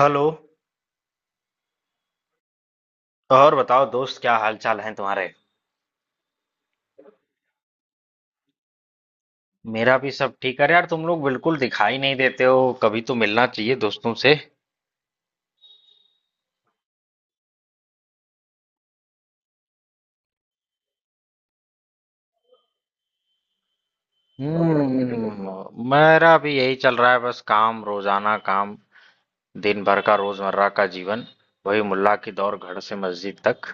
Hello. तो और बताओ दोस्त, क्या हाल चाल है तुम्हारे। मेरा भी सब ठीक है। अरे यार, तुम लोग बिल्कुल दिखाई नहीं देते हो। कभी तो मिलना चाहिए दोस्तों से। मेरा भी यही चल रहा है, बस काम, रोजाना काम। दिन भर का रोजमर्रा का जीवन। वही मुल्ला की दौड़, घर से मस्जिद तक।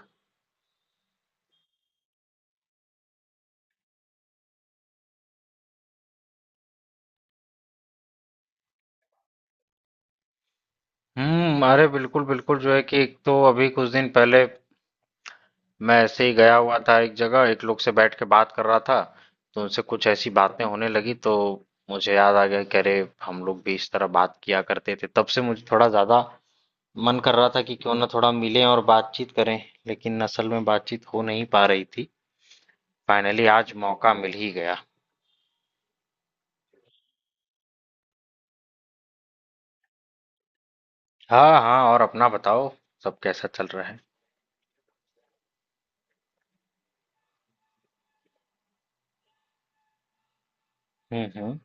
अरे बिल्कुल बिल्कुल, जो है कि एक तो अभी कुछ दिन पहले मैं ऐसे ही गया हुआ था, एक जगह एक लोग से बैठ के बात कर रहा था। तो उनसे कुछ ऐसी बातें होने लगी तो मुझे याद आ गया कि अरे, हम लोग भी इस तरह बात किया करते थे। तब से मुझे थोड़ा ज्यादा मन कर रहा था कि क्यों ना थोड़ा मिलें और बातचीत करें। लेकिन असल में बातचीत हो नहीं पा रही थी। फाइनली आज मौका मिल ही गया। हाँ हाँ, और अपना बताओ, सब कैसा चल रहा है। हम्म। हम्म।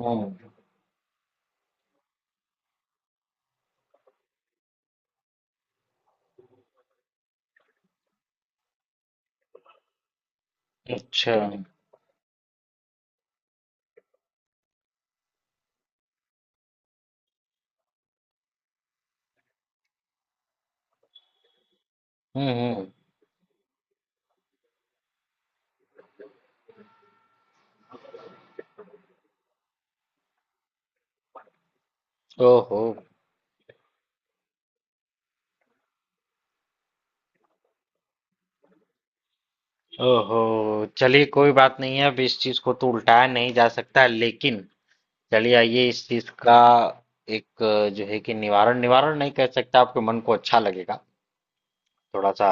हम्म। अच्छा। हम्म। हम्म। ओहो। ओहो, चलिए कोई बात नहीं है। अब इस चीज को तो उल्टाया नहीं जा सकता, लेकिन चलिए आइए, इस चीज का एक जो है कि निवारण, निवारण नहीं कह सकता, आपके मन को अच्छा लगेगा थोड़ा सा।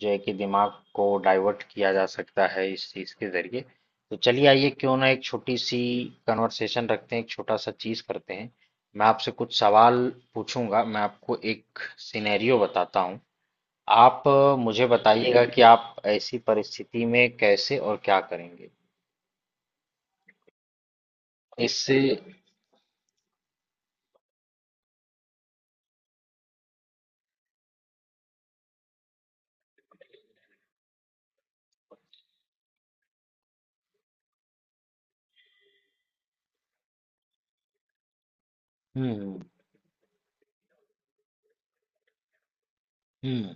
जो है कि दिमाग को डाइवर्ट किया जा सकता है इस चीज के जरिए। तो चलिए आइए, क्यों ना एक छोटी सी कन्वर्सेशन रखते हैं, एक छोटा सा चीज करते हैं। मैं आपसे कुछ सवाल पूछूंगा। मैं आपको एक सिनेरियो बताता हूँ। आप मुझे बताइएगा कि आप ऐसी परिस्थिति में कैसे और क्या करेंगे। इससे। हम्म। हम्म।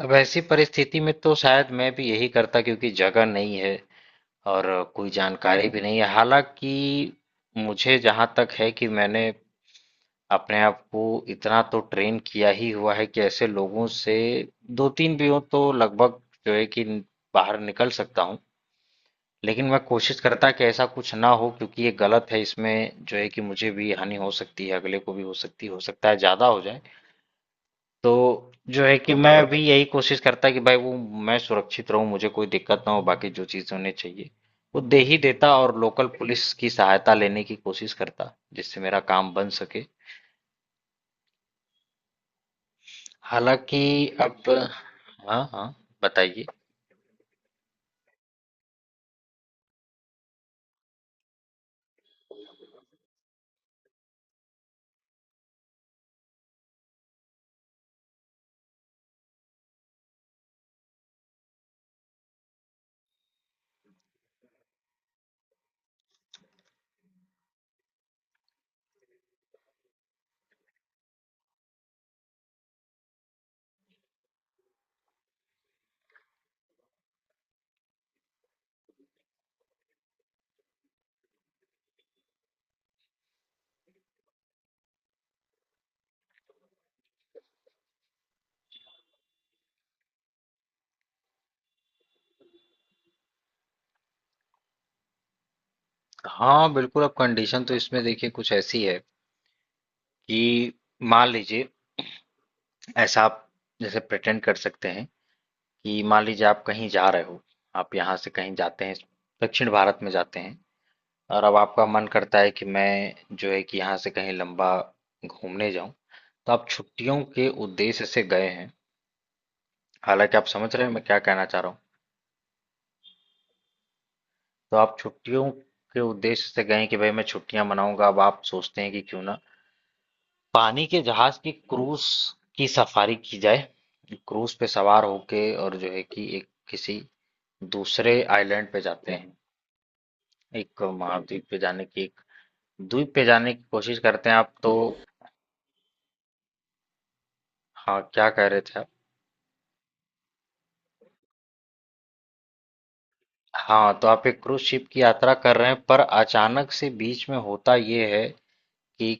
अब ऐसी परिस्थिति में तो शायद मैं भी यही करता, क्योंकि जगह नहीं है और कोई जानकारी भी नहीं है। हालांकि मुझे जहाँ तक है कि मैंने अपने आप को इतना तो ट्रेन किया ही हुआ है कि ऐसे लोगों से, दो तीन भी हो, तो लगभग जो है कि बाहर निकल सकता हूँ। लेकिन मैं कोशिश करता कि ऐसा कुछ ना हो, क्योंकि ये गलत है। इसमें जो है कि मुझे भी हानि हो सकती है, अगले को भी हो सकती है, हो सकता है ज्यादा हो जाए। तो जो है कि मैं भी यही कोशिश करता कि भाई वो, मैं सुरक्षित रहूं, मुझे कोई दिक्कत ना हो, बाकी जो चीजें उन्हें चाहिए वो दे ही देता, और लोकल पुलिस की सहायता लेने की कोशिश करता जिससे मेरा काम बन सके। हालांकि अब, हाँ हाँ बताइए। हाँ बिल्कुल, अब कंडीशन तो इसमें देखिए कुछ ऐसी है कि मान लीजिए, ऐसा आप जैसे प्रिटेंड कर सकते हैं कि मान लीजिए आप कहीं जा रहे हो। आप यहाँ से कहीं जाते हैं, दक्षिण भारत में जाते हैं, और अब आपका मन करता है कि मैं जो है कि यहाँ से कहीं लंबा घूमने जाऊं। तो आप छुट्टियों के उद्देश्य से गए हैं। हालांकि आप समझ रहे हैं मैं क्या कहना चाह रहा हूँ। तो आप छुट्टियों के उद्देश्य से गए हैं कि भाई मैं छुट्टियां मनाऊंगा। अब आप सोचते हैं कि क्यों ना पानी के जहाज की क्रूज की सफारी की जाए। क्रूज पे सवार होके और जो है कि एक किसी दूसरे आइलैंड पे जाते हैं, एक महाद्वीप पे जाने की, एक द्वीप पे जाने की कोशिश करते हैं आप। तो हाँ, क्या कह रहे थे आप। हाँ, तो आप एक क्रूज शिप की यात्रा कर रहे हैं, पर अचानक से बीच में होता ये है कि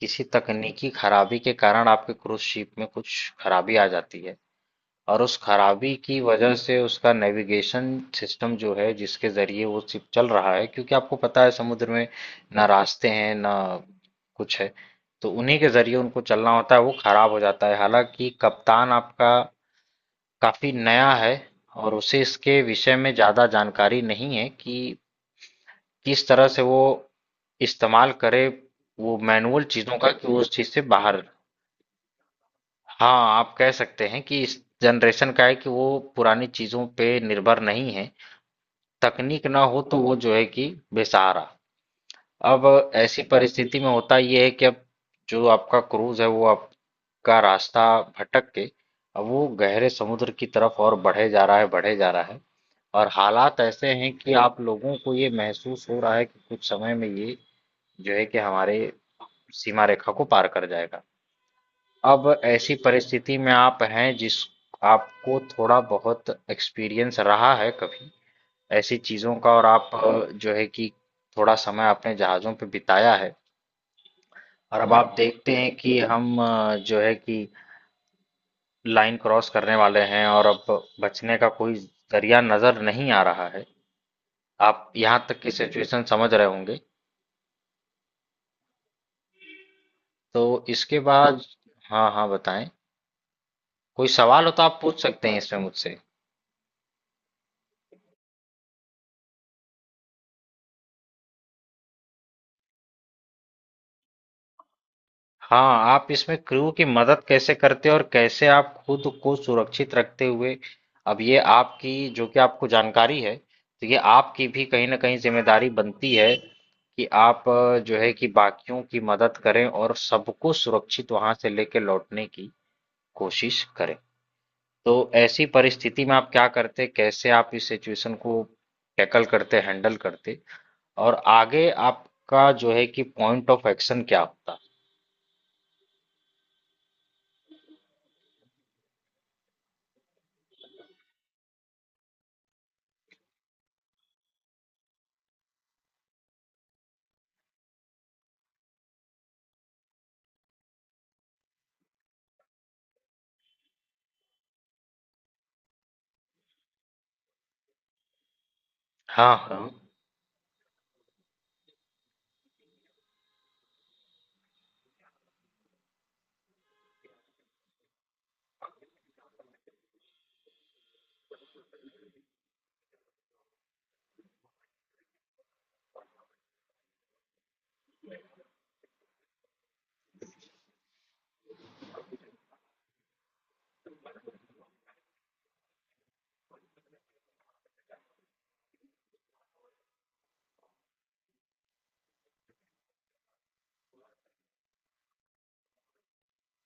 किसी तकनीकी खराबी के कारण आपके क्रूज शिप में कुछ खराबी आ जाती है। और उस खराबी की वजह से उसका नेविगेशन सिस्टम, जो है जिसके ज़रिए वो शिप चल रहा है, क्योंकि आपको पता है समुद्र में ना रास्ते हैं ना कुछ है, तो उन्हीं के ज़रिए उनको चलना होता है, वो खराब हो जाता है। हालांकि कप्तान आपका काफ़ी नया है, और उसे इसके विषय में ज़्यादा जानकारी नहीं है कि किस तरह से वो इस्तेमाल करे वो मैनुअल चीज़ों का, कि वो उस चीज़ से बाहर। हाँ, आप कह सकते हैं कि इस जनरेशन का है कि वो पुरानी चीजों पे निर्भर नहीं है, तकनीक ना हो तो वो जो है कि बेसहारा। अब ऐसी परिस्थिति में होता ये है कि अब जो आपका क्रूज है वो आपका रास्ता भटक के, अब वो गहरे समुद्र की तरफ और बढ़े जा रहा है, बढ़े जा रहा है। और हालात ऐसे हैं कि आप लोगों को ये महसूस हो रहा है कि कुछ समय में ये जो है कि हमारे सीमा रेखा को पार कर जाएगा। अब ऐसी परिस्थिति में आप हैं, जिस आपको थोड़ा बहुत एक्सपीरियंस रहा है कभी ऐसी चीजों का, और आप जो है कि थोड़ा समय आपने जहाजों पे बिताया है। और अब आप देखते हैं कि हम जो है कि लाइन क्रॉस करने वाले हैं और अब बचने का कोई जरिया नजर नहीं आ रहा है। आप यहाँ तक की सिचुएशन समझ रहे होंगे। तो इसके बाद, हाँ हाँ बताएं, कोई सवाल हो तो आप पूछ सकते हैं इसमें मुझसे। हाँ, आप इसमें क्रू की मदद कैसे करते हो और कैसे आप खुद को सुरक्षित रखते हुए, अब ये आपकी, जो कि आपको जानकारी है तो ये आपकी भी कहीं ना कहीं जिम्मेदारी बनती है कि आप जो है कि बाकियों की मदद करें और सबको सुरक्षित वहां से लेके लौटने की कोशिश करें। तो ऐसी परिस्थिति में आप क्या करते, कैसे आप इस सिचुएशन को टैकल करते, हैंडल करते, और आगे आपका जो है कि पॉइंट ऑफ एक्शन क्या होता। हाँ हाँ।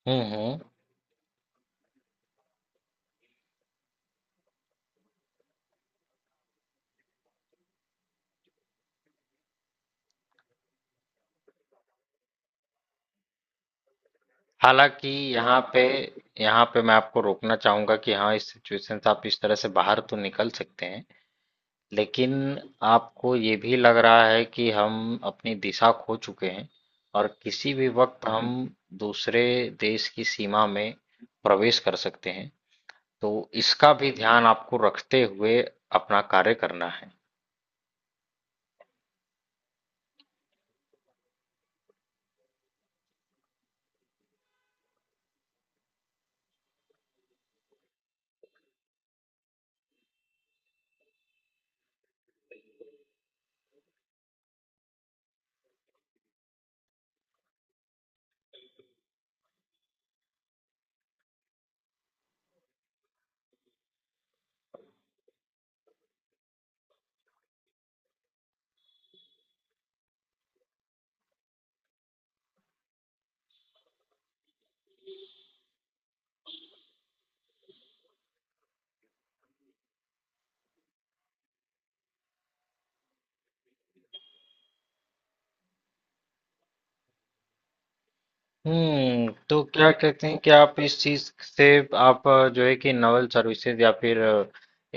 हम्म। हालाँकि यहाँ पे, यहाँ पे मैं आपको रोकना चाहूँगा कि हाँ, इस सिचुएशन से आप इस तरह से बाहर तो निकल सकते हैं। लेकिन आपको ये भी लग रहा है कि हम अपनी दिशा खो चुके हैं और किसी भी वक़्त हम दूसरे देश की सीमा में प्रवेश कर सकते हैं। तो इसका भी ध्यान आपको रखते हुए अपना कार्य करना है। हम्म, तो क्या कहते हैं कि आप इस चीज से, आप जो है कि नवल सर्विसेज या फिर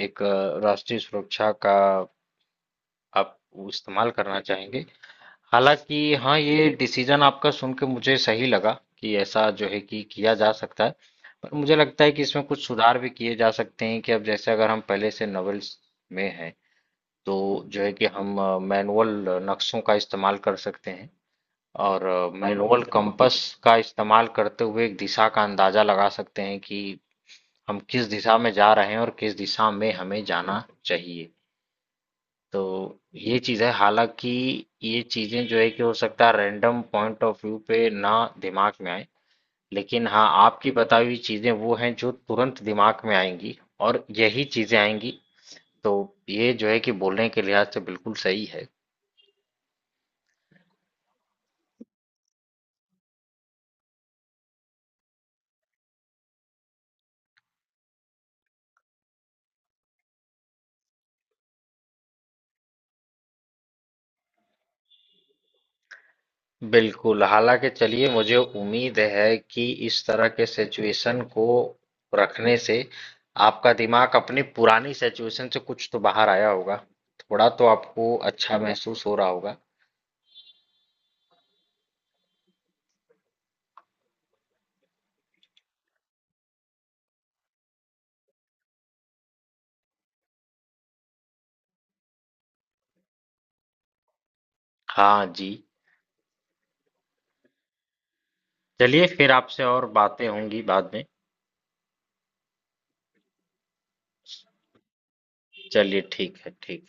एक राष्ट्रीय सुरक्षा का आप इस्तेमाल करना चाहेंगे। हालांकि हाँ, ये डिसीजन आपका सुन के मुझे सही लगा, कि ऐसा जो है कि किया जा सकता है। पर मुझे लगता है कि इसमें कुछ सुधार भी किए जा सकते हैं, कि अब जैसे अगर हम पहले से नवल्स में हैं, तो जो है कि हम मैनुअल नक्शों का इस्तेमाल कर सकते हैं, और मैनुअल कंपास का इस्तेमाल करते हुए एक दिशा का अंदाजा लगा सकते हैं कि हम किस दिशा में जा रहे हैं और किस दिशा में हमें जाना चाहिए। तो ये चीज़ है। हालांकि ये चीज़ें जो है कि हो सकता है रैंडम पॉइंट ऑफ व्यू पे ना दिमाग में आए, लेकिन हाँ, आपकी बताई हुई चीज़ें वो हैं जो तुरंत दिमाग में आएंगी और यही चीज़ें आएंगी। तो ये जो है कि बोलने के लिहाज से बिल्कुल सही है। बिल्कुल, हालाँकि चलिए मुझे उम्मीद है कि इस तरह के सिचुएशन को रखने से आपका दिमाग अपनी पुरानी सिचुएशन से कुछ तो बाहर आया होगा। थोड़ा तो आपको अच्छा महसूस हो रहा होगा। हाँ जी, चलिए फिर आपसे और बातें होंगी बाद में। चलिए ठीक है, ठीक।